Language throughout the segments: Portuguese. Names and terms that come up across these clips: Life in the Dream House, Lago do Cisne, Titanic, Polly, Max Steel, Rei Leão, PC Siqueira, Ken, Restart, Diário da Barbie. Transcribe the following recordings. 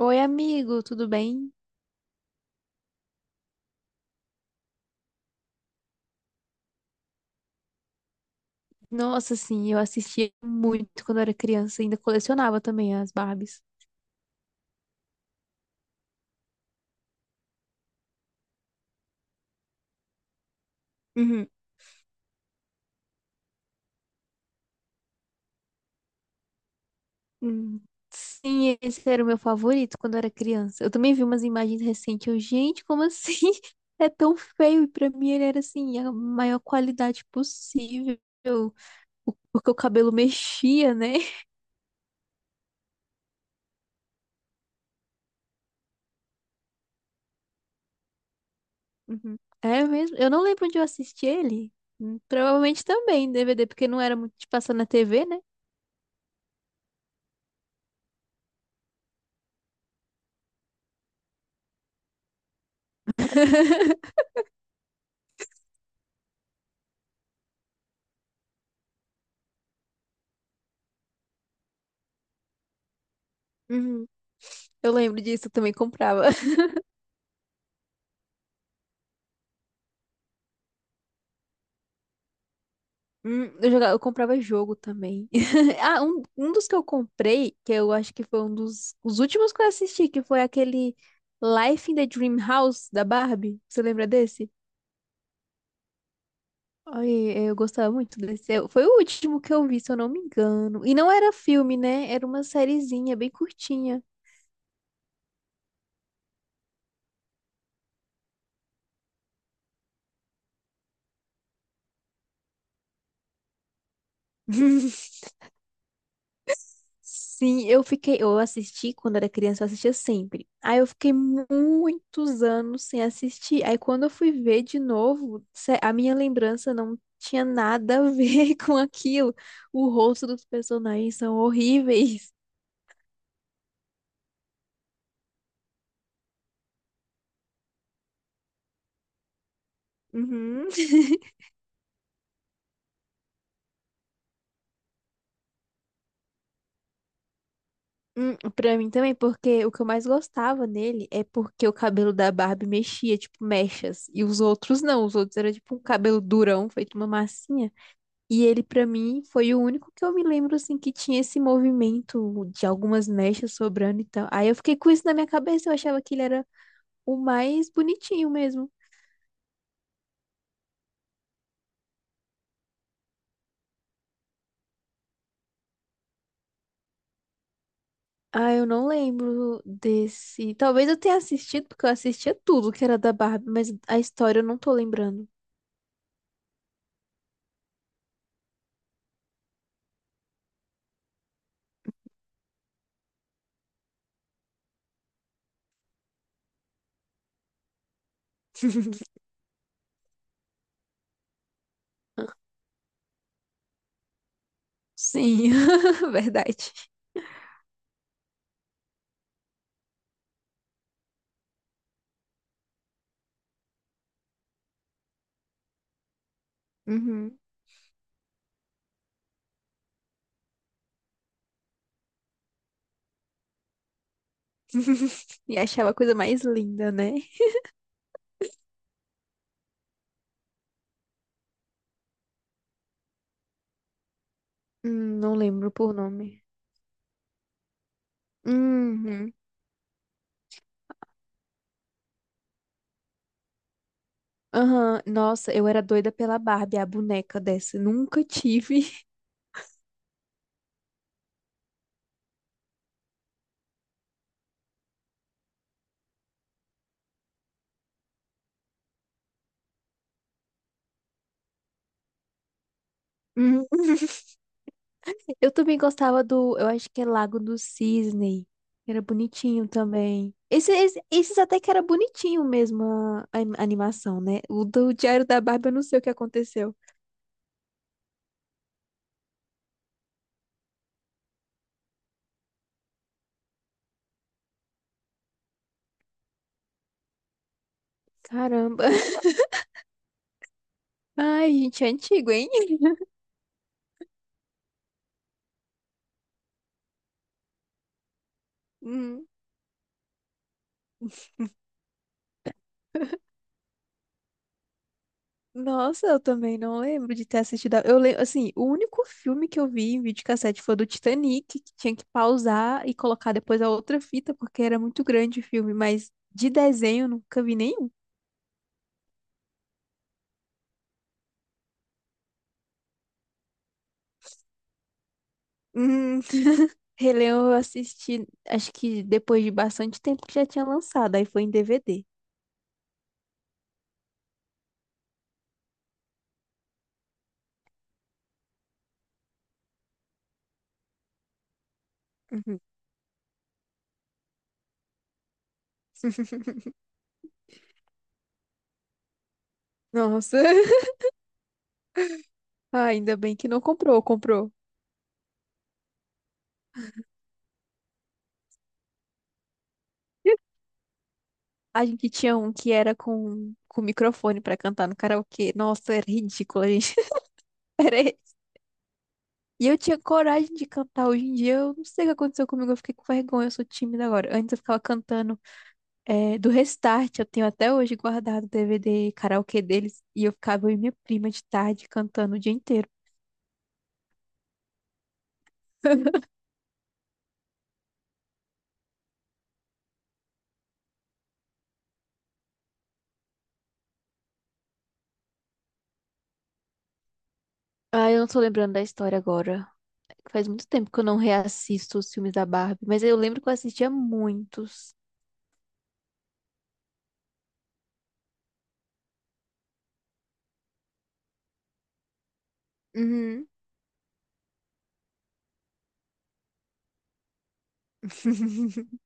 Oi, amigo, tudo bem? Nossa, sim, eu assistia muito quando era criança, ainda colecionava também as Barbies. Uhum. Hum, Sim, esse era o meu favorito quando eu era criança. Eu também vi umas imagens recentes. Eu, gente, como assim? É tão feio. E pra mim ele era assim, a maior qualidade possível. Porque o cabelo mexia, né? Uhum. É mesmo. Eu não lembro onde eu assisti ele. Provavelmente também em DVD, porque não era muito de passar na TV, né? Uhum. Eu lembro disso, eu também comprava. Eu jogava, eu comprava jogo também. Ah, um dos que eu comprei, que eu acho que foi um dos os últimos que eu assisti, que foi aquele Life in the Dream House da Barbie. Você lembra desse? Ai, eu gostava muito desse. Foi o último que eu vi, se eu não me engano. E não era filme, né? Era uma sériezinha bem curtinha. Sim, eu fiquei, eu assisti quando era criança, eu assistia sempre. Aí eu fiquei muitos anos sem assistir. Aí quando eu fui ver de novo, a minha lembrança não tinha nada a ver com aquilo. O rosto dos personagens são horríveis. Uhum. Pra mim também, porque o que eu mais gostava nele é porque o cabelo da Barbie mexia, tipo mechas, e os outros não, os outros era tipo um cabelo durão, feito uma massinha. E ele, pra mim, foi o único que eu me lembro, assim, que tinha esse movimento de algumas mechas sobrando e tal. Aí eu fiquei com isso na minha cabeça, eu achava que ele era o mais bonitinho mesmo. Ah, eu não lembro desse. Talvez eu tenha assistido, porque eu assistia tudo que era da Barbie, mas a história eu não tô lembrando. Sim, verdade. Uhum. E achava a coisa mais linda, né? Não lembro por nome. Uhum. Aham, nossa, eu era doida pela Barbie, a boneca dessa. Nunca tive. Hum. Eu também gostava do, eu acho que é Lago do Cisne. Era bonitinho também. Esses até que era bonitinho mesmo a animação, né? O do Diário da Barbie, eu não sei o que aconteceu. Caramba. Ai, gente, é antigo, hein? Hum. Nossa, eu também não lembro de ter assistido. Eu lembro, assim, o único filme que eu vi em videocassete foi o do Titanic, que tinha que pausar e colocar depois a outra fita, porque era muito grande o filme, mas de desenho eu nunca vi nenhum. Hum, Rei Leão eu assisti, acho que depois de bastante tempo que já tinha lançado, aí foi em DVD. Uhum. Nossa, ah, ainda bem que não comprou, comprou. A gente tinha um que era com microfone pra cantar no karaokê. Nossa, era ridículo, gente. Era E eu tinha coragem de cantar. Hoje em dia, eu não sei o que aconteceu comigo. Eu fiquei com vergonha, eu sou tímida agora. Antes eu ficava cantando do Restart. Eu tenho até hoje guardado o DVD karaokê deles. E eu ficava eu e minha prima de tarde cantando o dia inteiro. Ah, eu não tô lembrando da história agora. Faz muito tempo que eu não reassisto os filmes da Barbie, mas eu lembro que eu assistia muitos. Uhum.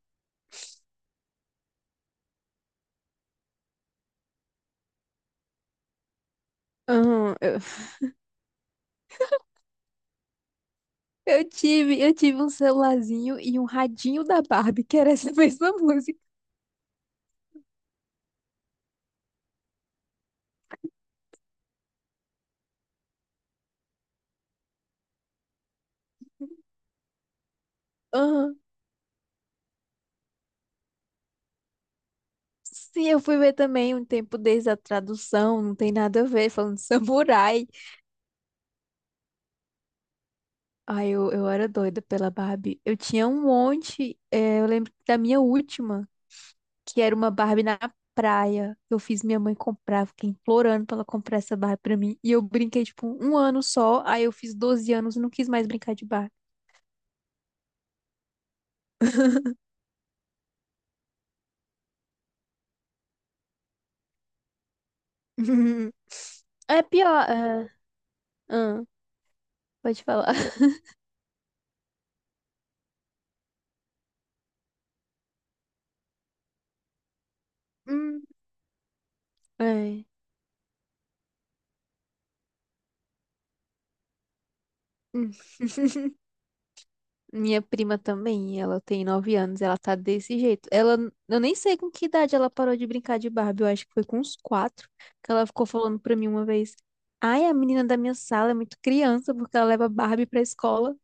Aham, eu tive um celularzinho e um radinho da Barbie, que era essa mesma música. Aham. Sim, eu fui ver também um tempo desde a tradução, não tem nada a ver, falando de samurai. Ai, eu era doida pela Barbie. Eu tinha um monte, eu lembro da minha última, que era uma Barbie na praia. Eu fiz minha mãe comprar, eu fiquei implorando pra ela comprar essa Barbie pra mim. E eu brinquei, tipo, um ano só, aí eu fiz 12 anos e não quis mais brincar de Barbie. É pior. Ah, pode falar. Hum, é. Hum. Minha prima também, ela tem 9 anos, ela tá desse jeito. Ela, eu nem sei com que idade ela parou de brincar de Barbie, eu acho que foi com uns quatro, que ela ficou falando pra mim uma vez, ai, a menina da minha sala é muito criança, porque ela leva Barbie pra escola.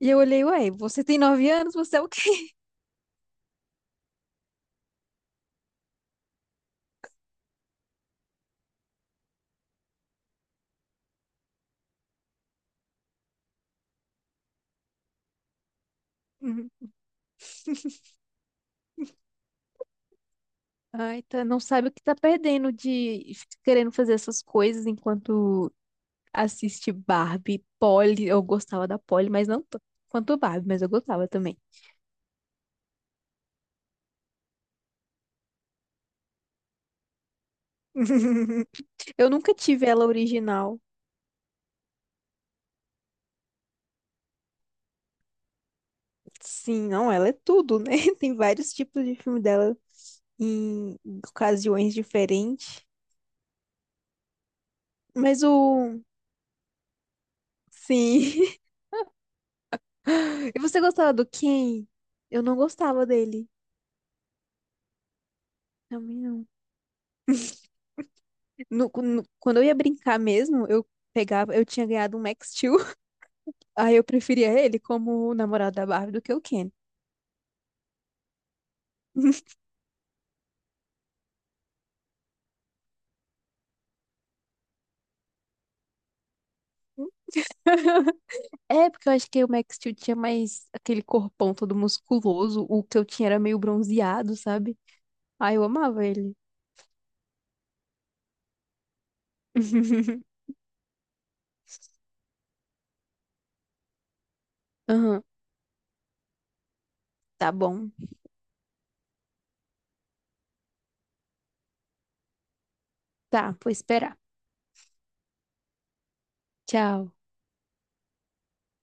E eu olhei, ué, você tem 9 anos, você é o quê? Uhum. Ai, tá, não sabe o que tá perdendo de ficar querendo fazer essas coisas enquanto assiste Barbie, Polly, eu gostava da Polly, mas não tanto quanto Barbie, mas eu gostava também. Eu nunca tive ela original. Sim, não, ela é tudo, né? Tem vários tipos de filme dela em ocasiões diferentes. Mas o. Sim. E você gostava do Ken? Eu não gostava dele. Também não. Quando eu ia brincar mesmo, eu pegava. Eu tinha ganhado um Max Steel. Aí eu preferia ele como o namorado da Barbie do que o Ken. É, porque eu acho que o Max Steel tinha mais aquele corpão todo musculoso. O que eu tinha era meio bronzeado, sabe? Ah, eu amava ele. Aham, tá bom. Tá, vou esperar. Tchau.